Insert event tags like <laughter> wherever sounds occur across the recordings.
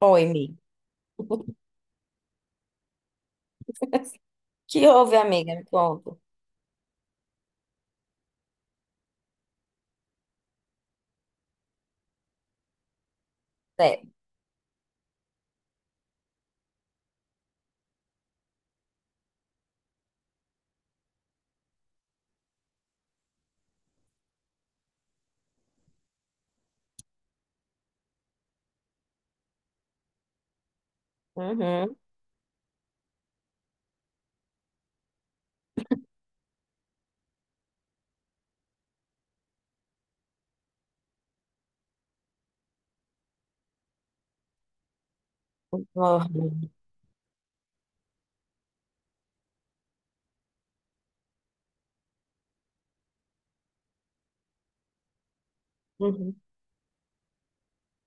Oi, amiga. <laughs> Que houve, amiga? Me conta. É. Uhum. Uhum. Uhum.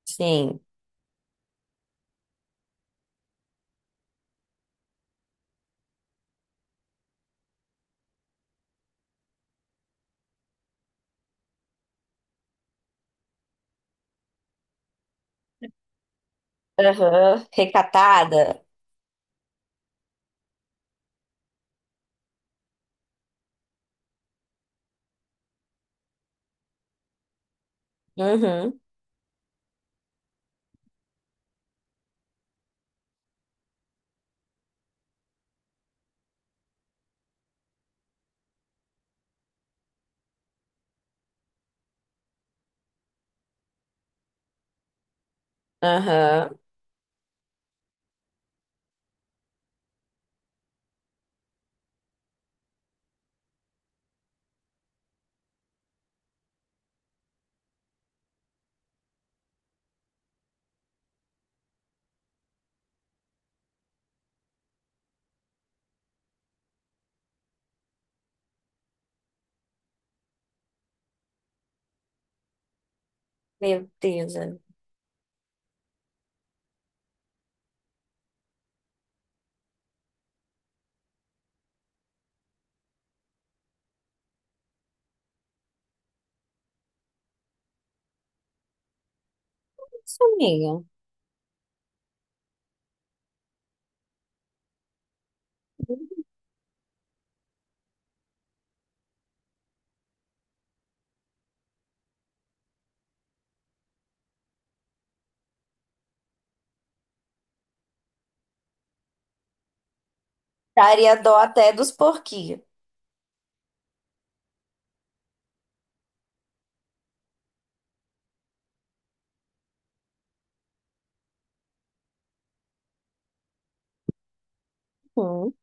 Sim. Aham. Recatada. Uhum. Aham. Meu Deus, amiga. Isso, amiga. Daria dó até dos porquinhos. Uhum.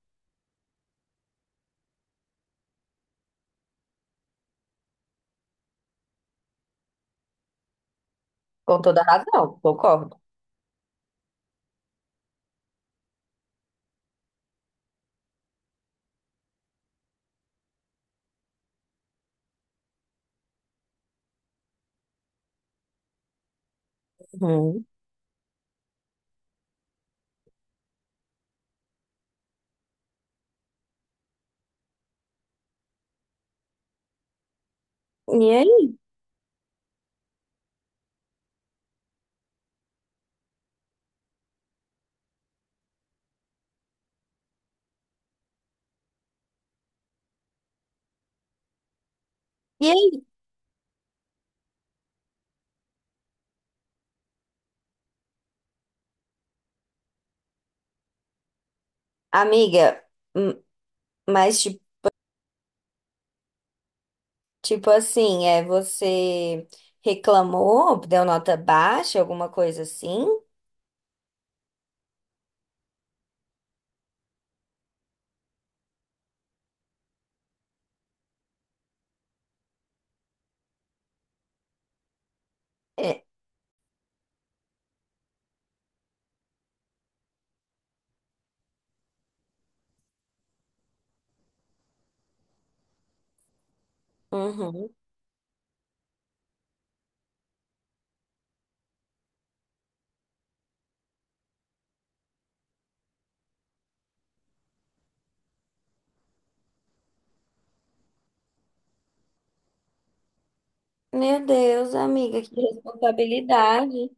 Com toda razão, concordo. Uhum. E aí? E aí? Amiga, hum, mas tipo assim, é você reclamou, deu nota baixa, alguma coisa assim? É. Meu Deus, amiga, que responsabilidade.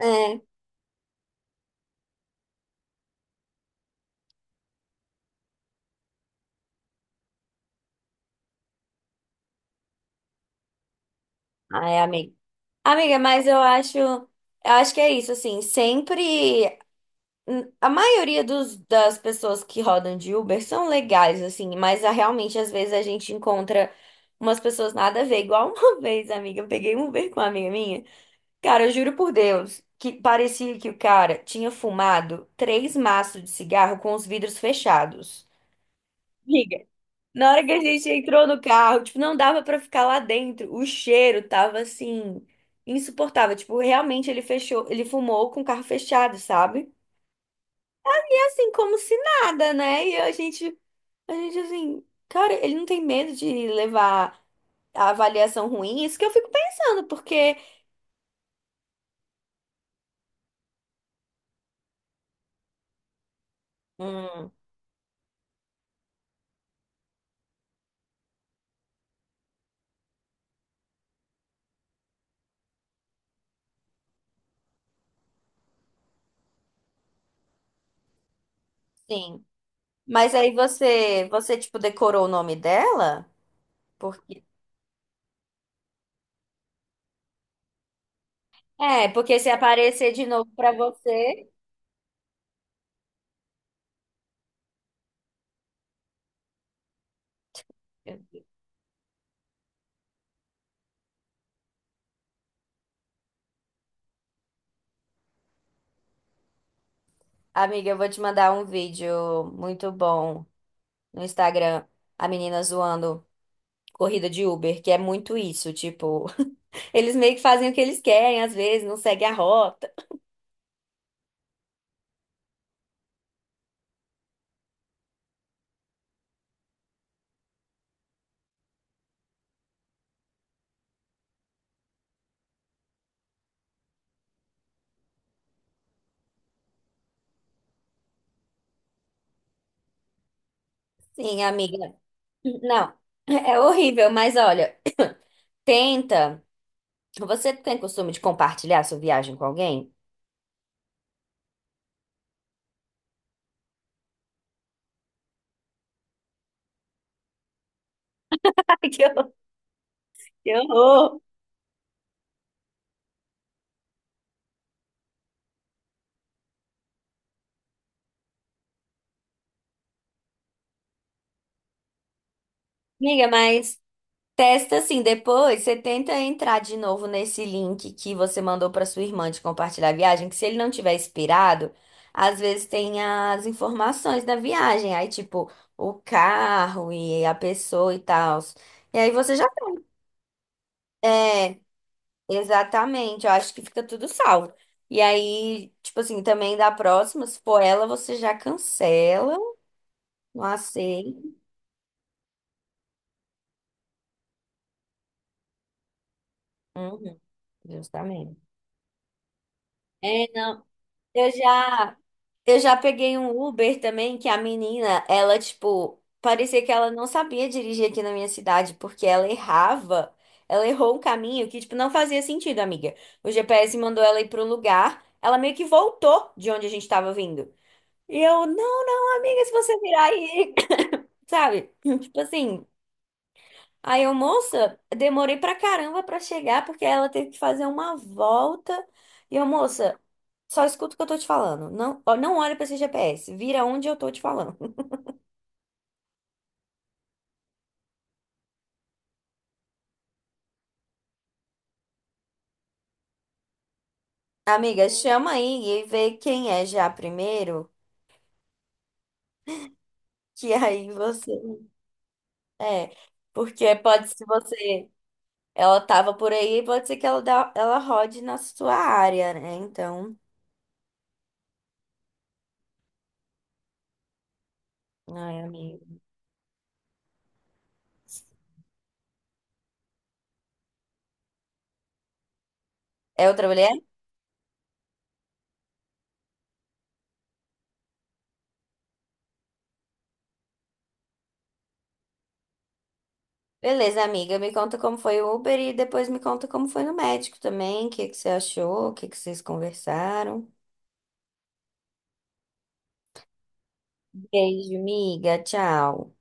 É. Ai, amiga. Amiga, mas eu acho que é isso, assim, sempre a maioria dos, das pessoas que rodam de Uber são legais, assim, mas ah, realmente às vezes a gente encontra umas pessoas nada a ver, igual uma <laughs> vez, amiga, eu peguei um Uber com uma amiga minha. Cara, eu juro por Deus, que parecia que o cara tinha fumado três maços de cigarro com os vidros fechados. Amiga, na hora que a gente entrou no carro, tipo, não dava pra ficar lá dentro. O cheiro tava assim insuportável, tipo, realmente ele fechou, ele fumou com o carro fechado, sabe? E assim como se nada, né? E a gente assim, cara, ele não tem medo de levar a avaliação ruim? Isso que eu fico pensando, porque hum, sim. Mas aí você, você tipo decorou o nome dela? Porque é, porque se aparecer de novo pra você. Amiga, eu vou te mandar um vídeo muito bom no Instagram, a menina zoando corrida de Uber, que é muito isso, tipo, <laughs> eles meio que fazem o que eles querem, às vezes não seguem a rota. Sim, amiga. Não, <laughs> é horrível, mas olha, tenta. Você tem costume de compartilhar sua viagem com alguém? <laughs> Ai, que horror. Eu. Amiga, mas testa assim, depois você tenta entrar de novo nesse link que você mandou para sua irmã de compartilhar a viagem, que se ele não tiver expirado, às vezes tem as informações da viagem, aí tipo o carro e a pessoa e tal. E aí você já é, exatamente, eu acho que fica tudo salvo. E aí, tipo assim, também da próxima, se for ela, você já cancela, não aceita. Uhum, justamente. É, não, eu já Eu já peguei um Uber também, que a menina, ela, tipo, parecia que ela não sabia dirigir aqui na minha cidade, porque ela errava. Ela errou um caminho que, tipo, não fazia sentido, amiga. O GPS mandou ela ir pro lugar, ela meio que voltou de onde a gente tava vindo. E eu, não, não, amiga, se você virar aí, <coughs> sabe? Tipo assim. Aí eu, moça, demorei pra caramba pra chegar, porque ela teve que fazer uma volta. E eu, moça, só escuta o que eu tô te falando. Não, ó, não olha pra esse GPS, vira onde eu tô te falando. <laughs> Amiga, chama aí e vê quem é já primeiro, que <laughs> aí você. É, porque pode ser você. Ela tava por aí, pode ser que ela, dá, ela rode na sua área, né? Então. Ai, amiga. É outra mulher? Beleza, amiga, me conta como foi o Uber e depois me conta como foi no médico também, o que que você achou, o que que vocês conversaram. Beijo, amiga, tchau.